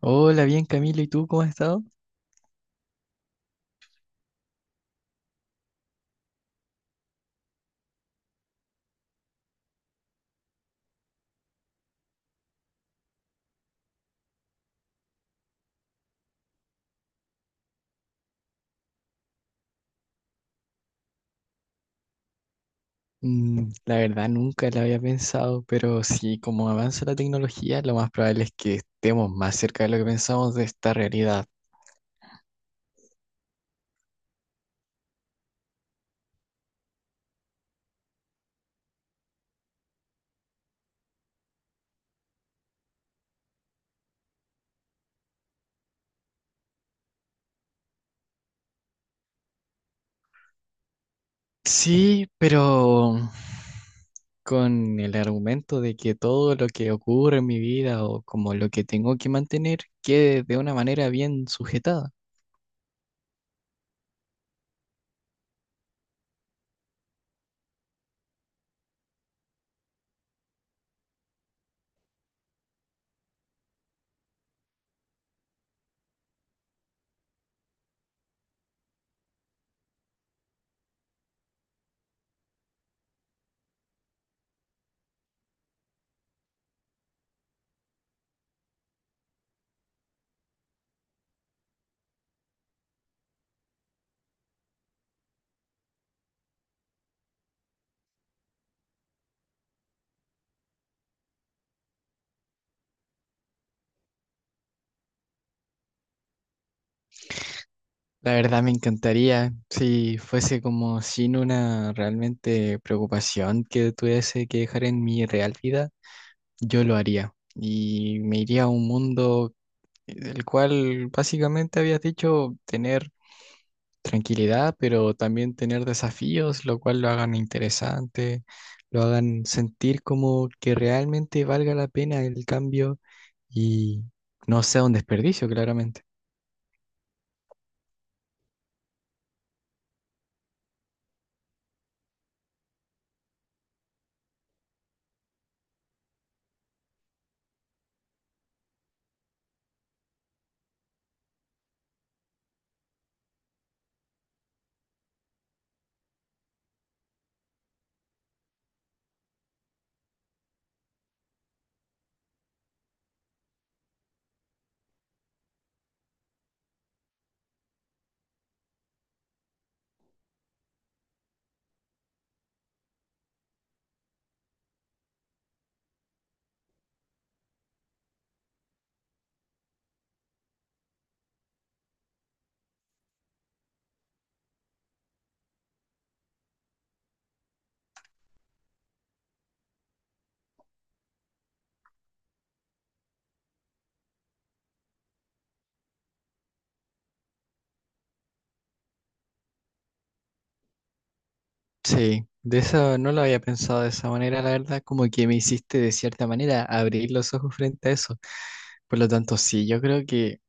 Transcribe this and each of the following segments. Hola, bien Camilo, ¿y tú cómo has estado? La verdad nunca la había pensado, pero sí, como avanza la tecnología, lo más probable es que estemos más cerca de lo que pensamos de esta realidad. Sí, pero con el argumento de que todo lo que ocurre en mi vida o como lo que tengo que mantener quede de una manera bien sujetada. La verdad me encantaría si fuese como sin una realmente preocupación que tuviese que dejar en mi real vida, yo lo haría y me iría a un mundo el cual básicamente habías dicho tener tranquilidad, pero también tener desafíos, lo cual lo hagan interesante, lo hagan sentir como que realmente valga la pena el cambio y no sea un desperdicio, claramente. Sí, de eso no lo había pensado de esa manera, la verdad, como que me hiciste de cierta manera abrir los ojos frente a eso. Por lo tanto, sí, yo creo que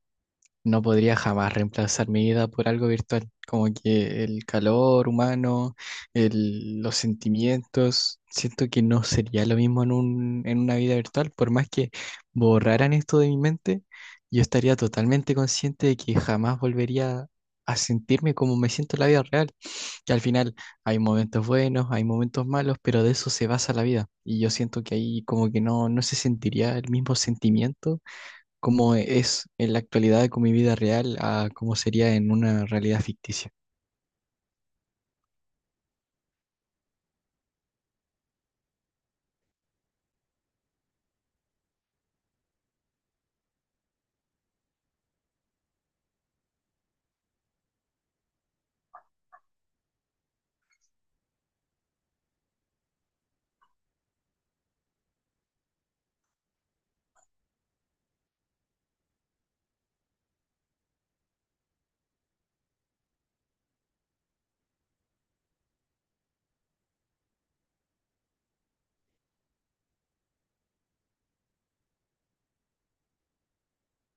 no podría jamás reemplazar mi vida por algo virtual, como que el calor humano, los sentimientos, siento que no sería lo mismo en una vida virtual, por más que borraran esto de mi mente, yo estaría totalmente consciente de que jamás volvería a sentirme como me siento en la vida real, que al final hay momentos buenos, hay momentos malos, pero de eso se basa la vida, y yo siento que ahí como que no, no se sentiría el mismo sentimiento cómo es en la actualidad con mi vida real a cómo sería en una realidad ficticia.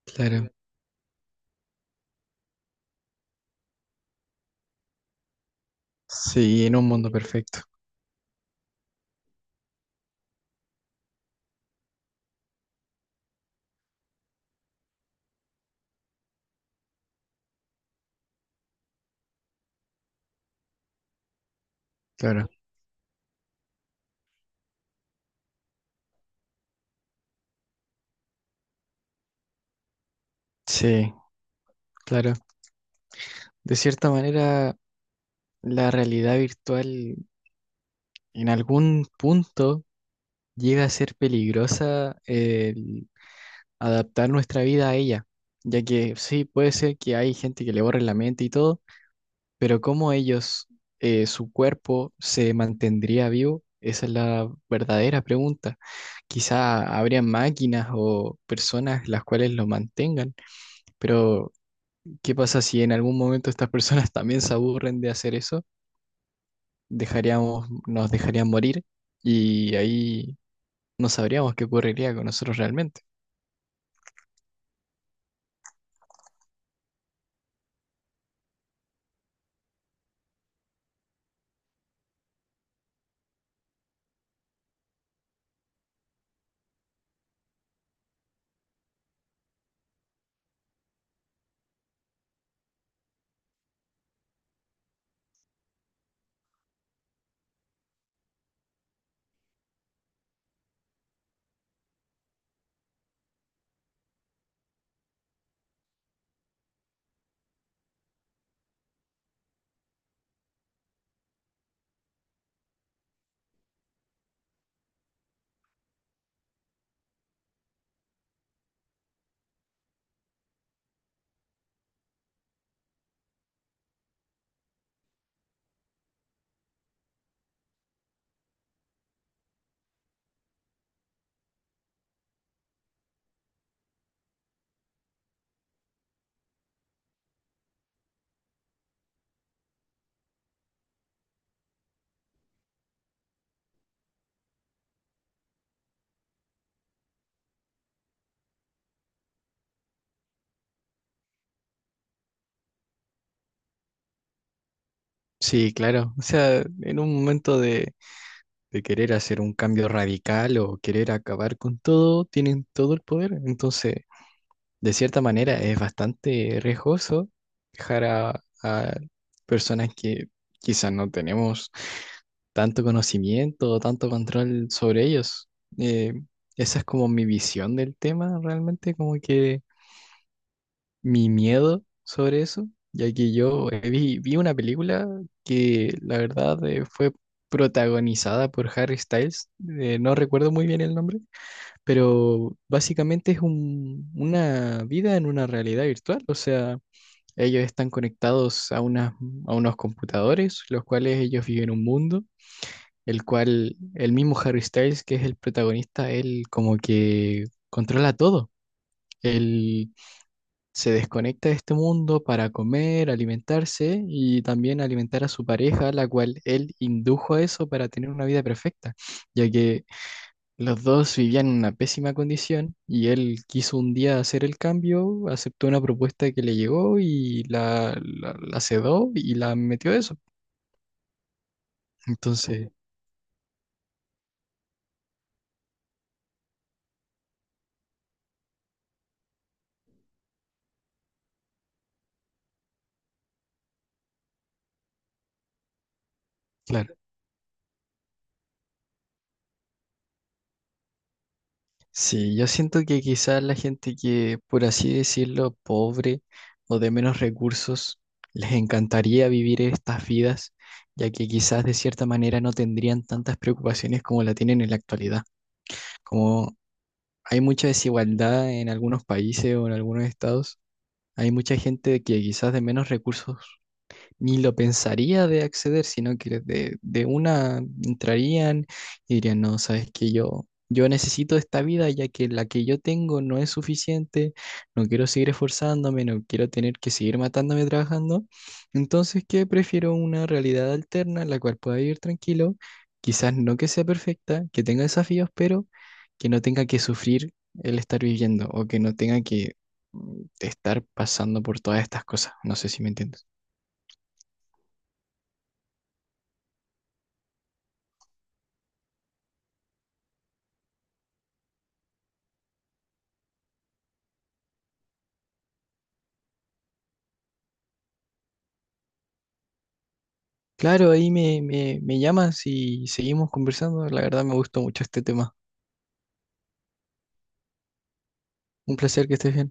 Claro, sí, en un mundo perfecto, claro. Sí, claro. De cierta manera, la realidad virtual en algún punto llega a ser peligrosa el adaptar nuestra vida a ella, ya que sí, puede ser que hay gente que le borre la mente y todo, pero cómo ellos, su cuerpo se mantendría vivo, esa es la verdadera pregunta. Quizá habrían máquinas o personas las cuales lo mantengan, pero ¿qué pasa si en algún momento estas personas también se aburren de hacer eso? Dejaríamos, nos dejarían morir y ahí no sabríamos qué ocurriría con nosotros realmente. Sí, claro. O sea, en un momento de querer hacer un cambio radical o querer acabar con todo, tienen todo el poder. Entonces, de cierta manera es bastante riesgoso dejar a personas que quizás no tenemos tanto conocimiento o tanto control sobre ellos. Eh, Esa es como mi visión del tema, realmente, como que mi miedo sobre eso, ya que yo vi una película que la verdad fue protagonizada por Harry Styles, no recuerdo muy bien el nombre, pero básicamente es una vida en una realidad virtual, o sea, ellos están conectados a unos computadores, los cuales ellos viven un mundo, el cual el mismo Harry Styles, que es el protagonista, él como que controla todo. Él se desconecta de este mundo para comer, alimentarse y también alimentar a su pareja, la cual él indujo a eso para tener una vida perfecta, ya que los dos vivían en una pésima condición y él quiso un día hacer el cambio, aceptó una propuesta que le llegó y la sedó y la metió a eso. Entonces, claro, sí, yo siento que quizás la gente que, por así decirlo, pobre o de menos recursos, les encantaría vivir estas vidas, ya que quizás de cierta manera no tendrían tantas preocupaciones como la tienen en la actualidad. Como hay mucha desigualdad en algunos países o en algunos estados. Hay mucha gente que quizás de menos recursos ni lo pensaría de acceder, sino que de una entrarían y dirían, no, sabes que yo necesito esta vida ya que la que yo tengo no es suficiente, no quiero seguir esforzándome, no quiero tener que seguir matándome trabajando, entonces que prefiero una realidad alterna en la cual pueda vivir tranquilo, quizás no que sea perfecta, que tenga desafíos, pero que no tenga que sufrir el estar viviendo o que no tenga que estar pasando por todas estas cosas, no sé si me entiendes. Claro, ahí me llamas y seguimos conversando. La verdad me gustó mucho este tema. Un placer que estés bien.